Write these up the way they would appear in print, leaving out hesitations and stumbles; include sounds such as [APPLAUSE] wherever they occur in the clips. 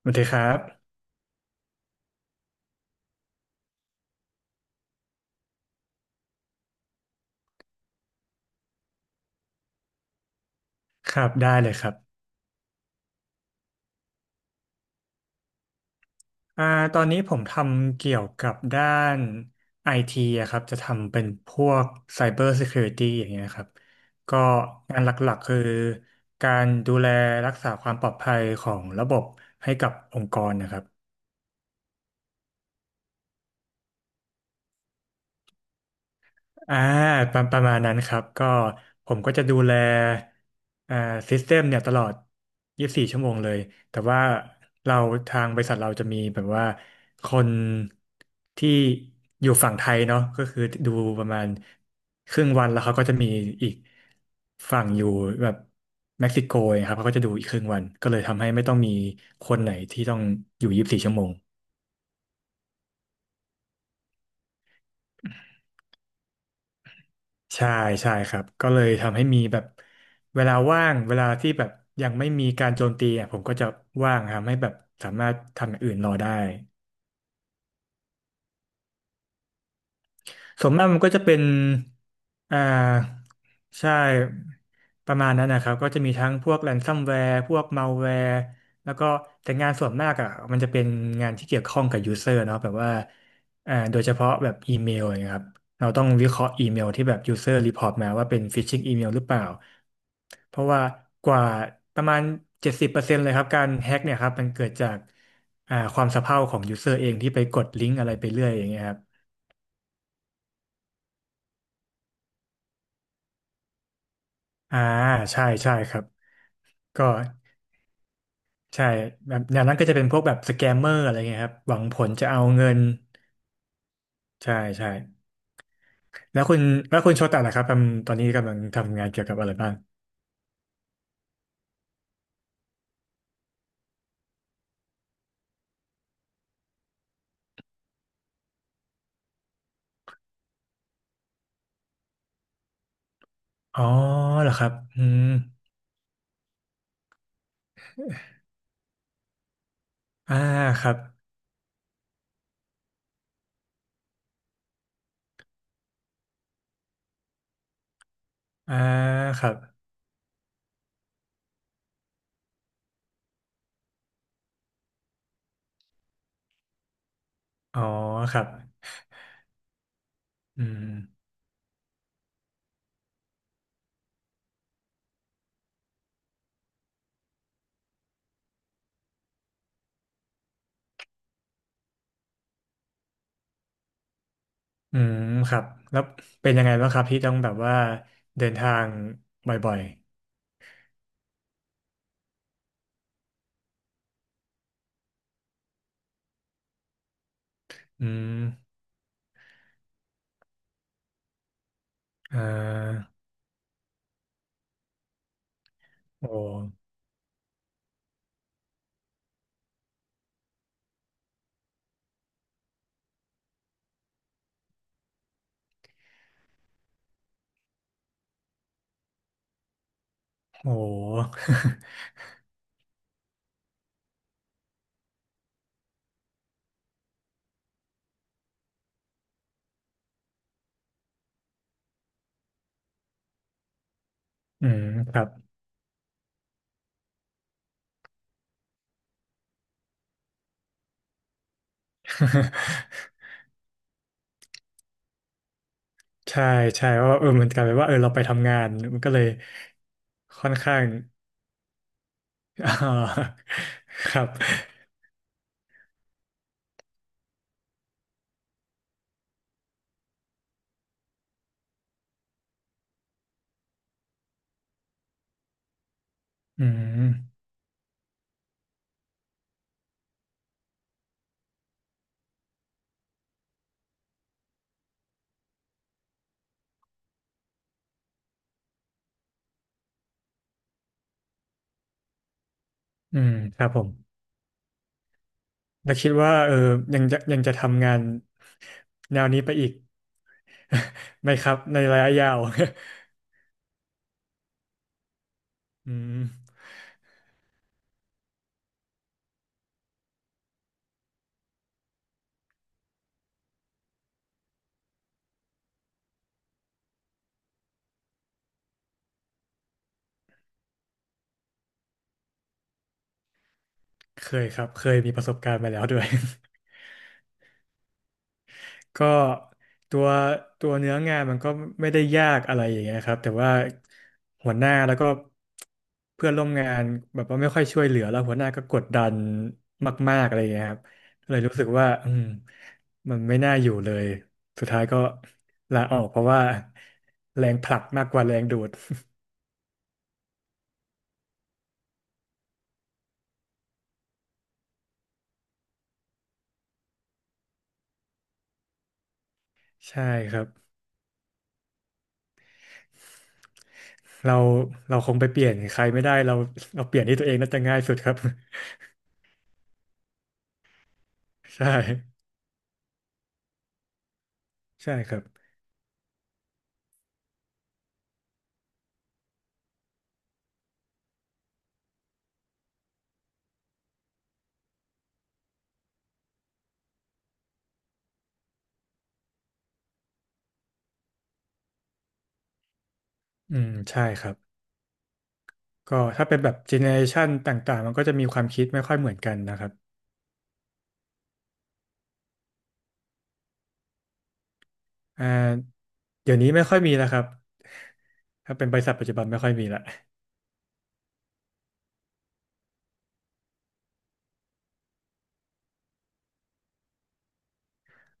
สวัสดีครับ ครับได้เลยครับอ่าตอนนี้ผมทำเกี่ยวกับด้านไอทีอะครับจะทำเป็นพวก Cyber Security อย่างเงี้ยครับ ก็งานหลักๆคือการดูแลรักษาความปลอดภัยของระบบให้กับองค์กรนะครับ อ่าประมาณนั้นครับก็ผมก็จะดูแลอ่าซิสเต็มเนี่ยตลอด24ชั่วโมงเลยแต่ว่าเราทางบริษัทเราจะมีแบบว่าคนที่อยู่ฝั่งไทยเนาะก็คือดูประมาณครึ่งวันแล้วเขาก็จะมีอีกฝั่งอยู่แบบเม็กซิโกครับเขาก็จะดูอีกครึ่งวันก็เลยทำให้ไม่ต้องมีคนไหนที่ต้องอยู่24ชั่วโมง ใช่ใช่ครับก็เลยทำให้มีแบบเวลาว่างเวลาที่แบบยังไม่มีการโจมตีอ่ะผมก็จะว่างทำให้แบบสามารถทำอย่างอื่นรอได้ ส่วนมากมันก็จะเป็นอ่าใช่ ประมาณนั้นนะครับ ก็จะมีทั้งพวกแ a นซัมแวร์พวกมัลแวร์แล้วก็แต่งานส่วนมากอ่ะมันจะเป็นงานที่เกี่ยวข้องกับยูเซอร์เนาะแบบว่าโดยเฉพาะแบบอีเมลอย่างเงี้ยครับ เราต้องวิเคราะห์อีเมลที่แบบยูเซอร์รีพอร์ตมาว่าเป็นฟิชชิงอีเมลหรือเปล่า เพราะว่ากว่าประมาณ70%เลยครับการแฮ็กเนี่ยครับมันเกิดจากความสะเพร่าของยูเซอร์เองที่ไปกดลิงก์อะไรไปเรื่อยอย่างเงี้ยครับ อ่าใช่ใช่ครับก็ใช่แบบแนวนั้นก็จะเป็นพวกแบบสแกมเมอร์อะไรเงี้ยครับหวังผลจะเอาเงินใช่ใช่แล้วคุณแล้วคุณโชตะล่ะครับทำตอนนี้กำลังทำงานเกี่ยวกับอะไรบ้างอ๋อเหรอครับอืมอ่าครับอ่าครับอ๋อครับอืมอืมครับแล้วเป็นยังไงบ้างครับที่ต้องแบบว่าเดินทางบ่อยๆอืมอ่าโอ้โห [LAUGHS] อืมครับ [LAUGHS] ใช่ใช่ว่าเออมันกลายเป็นว่าเออเราไปทำงานมันก็เลยค่อนข้าง [LAUGHS] อ่าครับอืมอืมครับผมแล้วคิดว่าเออยังจะทำงานแนวนี้ไปอีก [LAUGHS] ไหมครับในระยะยาว [LAUGHS] อืมเคยครับเคยมีประสบการณ์มาแล้วด้วย ก็ตัวตัวเนื้องานมันก็ไม่ได้ยากอะไรอย่างเงี้ยครับแต่ว่าหัวหน้าแล้วก็เพื่อนร่วมงานแบบว่าไม่ค่อยช่วยเหลือแล้วหัวหน้าก็กดดันมากๆอะไรอย่างเงี้ยครับก็เลยรู้สึกว่าอืมมันไม่น่าอยู่เลยสุดท้ายก็ลาออกเพราะว่าแรงผลักมากกว่าแรงดูด [LAUGHS] ใช่ครับเราเราคงไปเปลี่ยนใครไม่ได้เราเปลี่ยนที่ตัวเองน่าจะง่ายสุดครับ [LAUGHS] ใช่ใช่ครับอืมใช่ครับ ก็ถ้าเป็นแบบเจเนอเรชันต่างๆมันก็จะมีความคิดไม่ค่อยเหมือนกันนะครับอ่าเดี๋ยวนี้ไม่ค่อยมีแล้วครับถ้าเป็นบริษัทปัจจุบันไม่ค่อยมีละ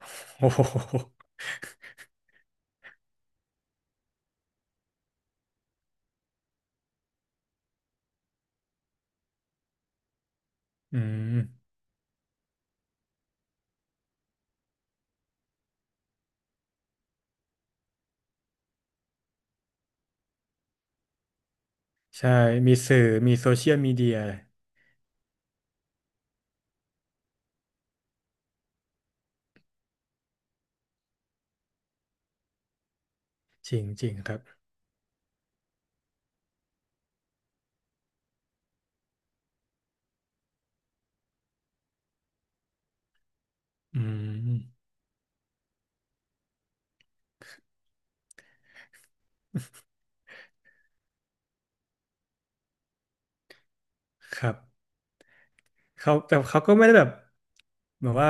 [LAUGHS] โอ้โหอืมใช่มีสื่อมีโซเชียลมีเดียจริงๆครับอืมครับเขาแต่เขาก็ไม่ได้แบบเหมือนว่า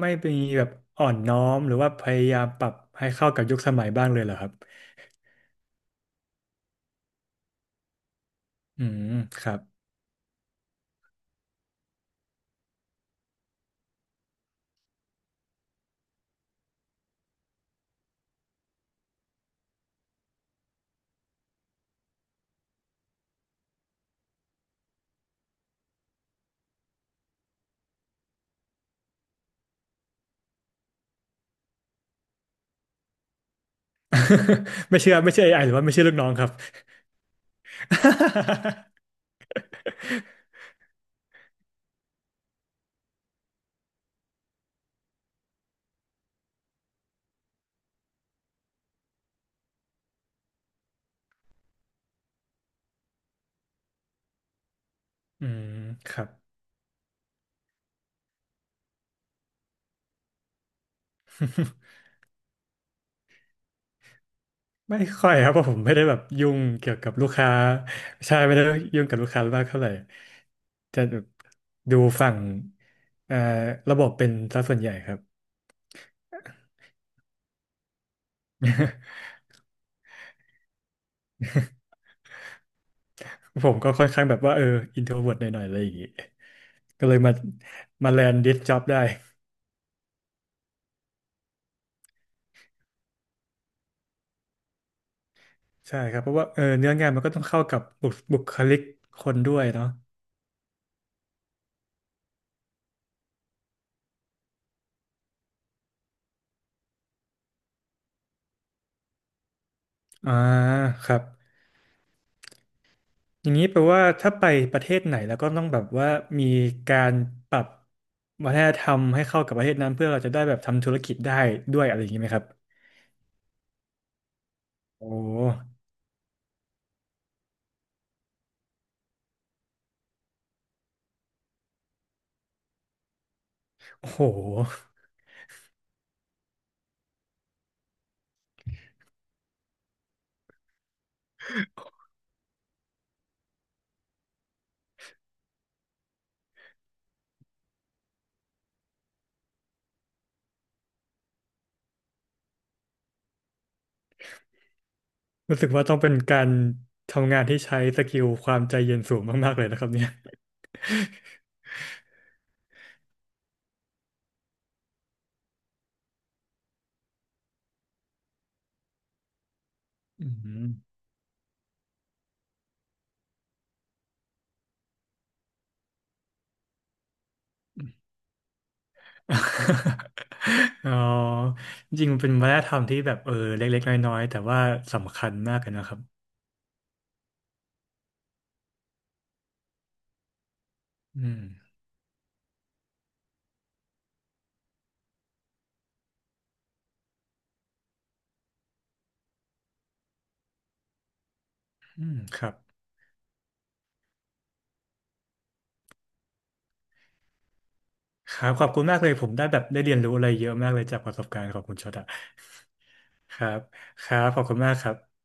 ไม่มีแบบอ่อนน้อมหรือว่าพยายามปรับให้เข้ากับยุคสมัยบ้างเลยเหรอครับอืมครับ [LAUGHS] ไม่เชื่อไม่เชื่อเอไอหรือว่าไม่เชื่อลูกน้องครับ [LAUGHS] อืมครับ [LAUGHS] ไม่ค่อยครับเพราะผมไม่ได้แบบยุ่งเกี่ยวกับลูกค้าใช่ไม่ได้ยุ่งกับลูกค้ามากเท่าไหร่จะแบบดูฝั่งเอ่อระบบเป็นซะส่วนใหญ่ครับผมก็ค่อนข้างแบบว่าเอออินโทรเวิร์ตหน่อยๆอะไรอย่างงี้ก็เลยมาแลนดดิสจ็อบได้ใช่ครับเพราะว่าเออเนื้องานมันก็ต้องเข้ากับบุคลิกคนด้วยเนาะอ่าครับ อย่างนี้แปลว่าถ้าไปประเทศไหนแล้วก็ต้องแบบว่ามีการปรับวัฒนธรรมให้เข้ากับประเทศนั้นเพื่อเราจะได้แบบทำธุรกิจได้ด้วยอะไรอย่างนี้ไหมครับโอ้โอ้โหรู้สึกว่าต้องเป็นการทำงานที่ใช้สกิลความใจเย็นสูงมากๆเลยนะครับเนี่ยอืม [LAUGHS] อ๋อจริงๆมันเป็นวัฒนธรรมที่แบบเออเล็กๆน้อยๆแต่ว่าสำคัญมากเลยนะครับอืมอืมครับ ครับขอบคุณมากเลยผมได้แบบได้เรียนรู้อะไรเยอะมากเลยจากประสบการณ์ของคุณชดอะครับครับขอบคุณมากครับ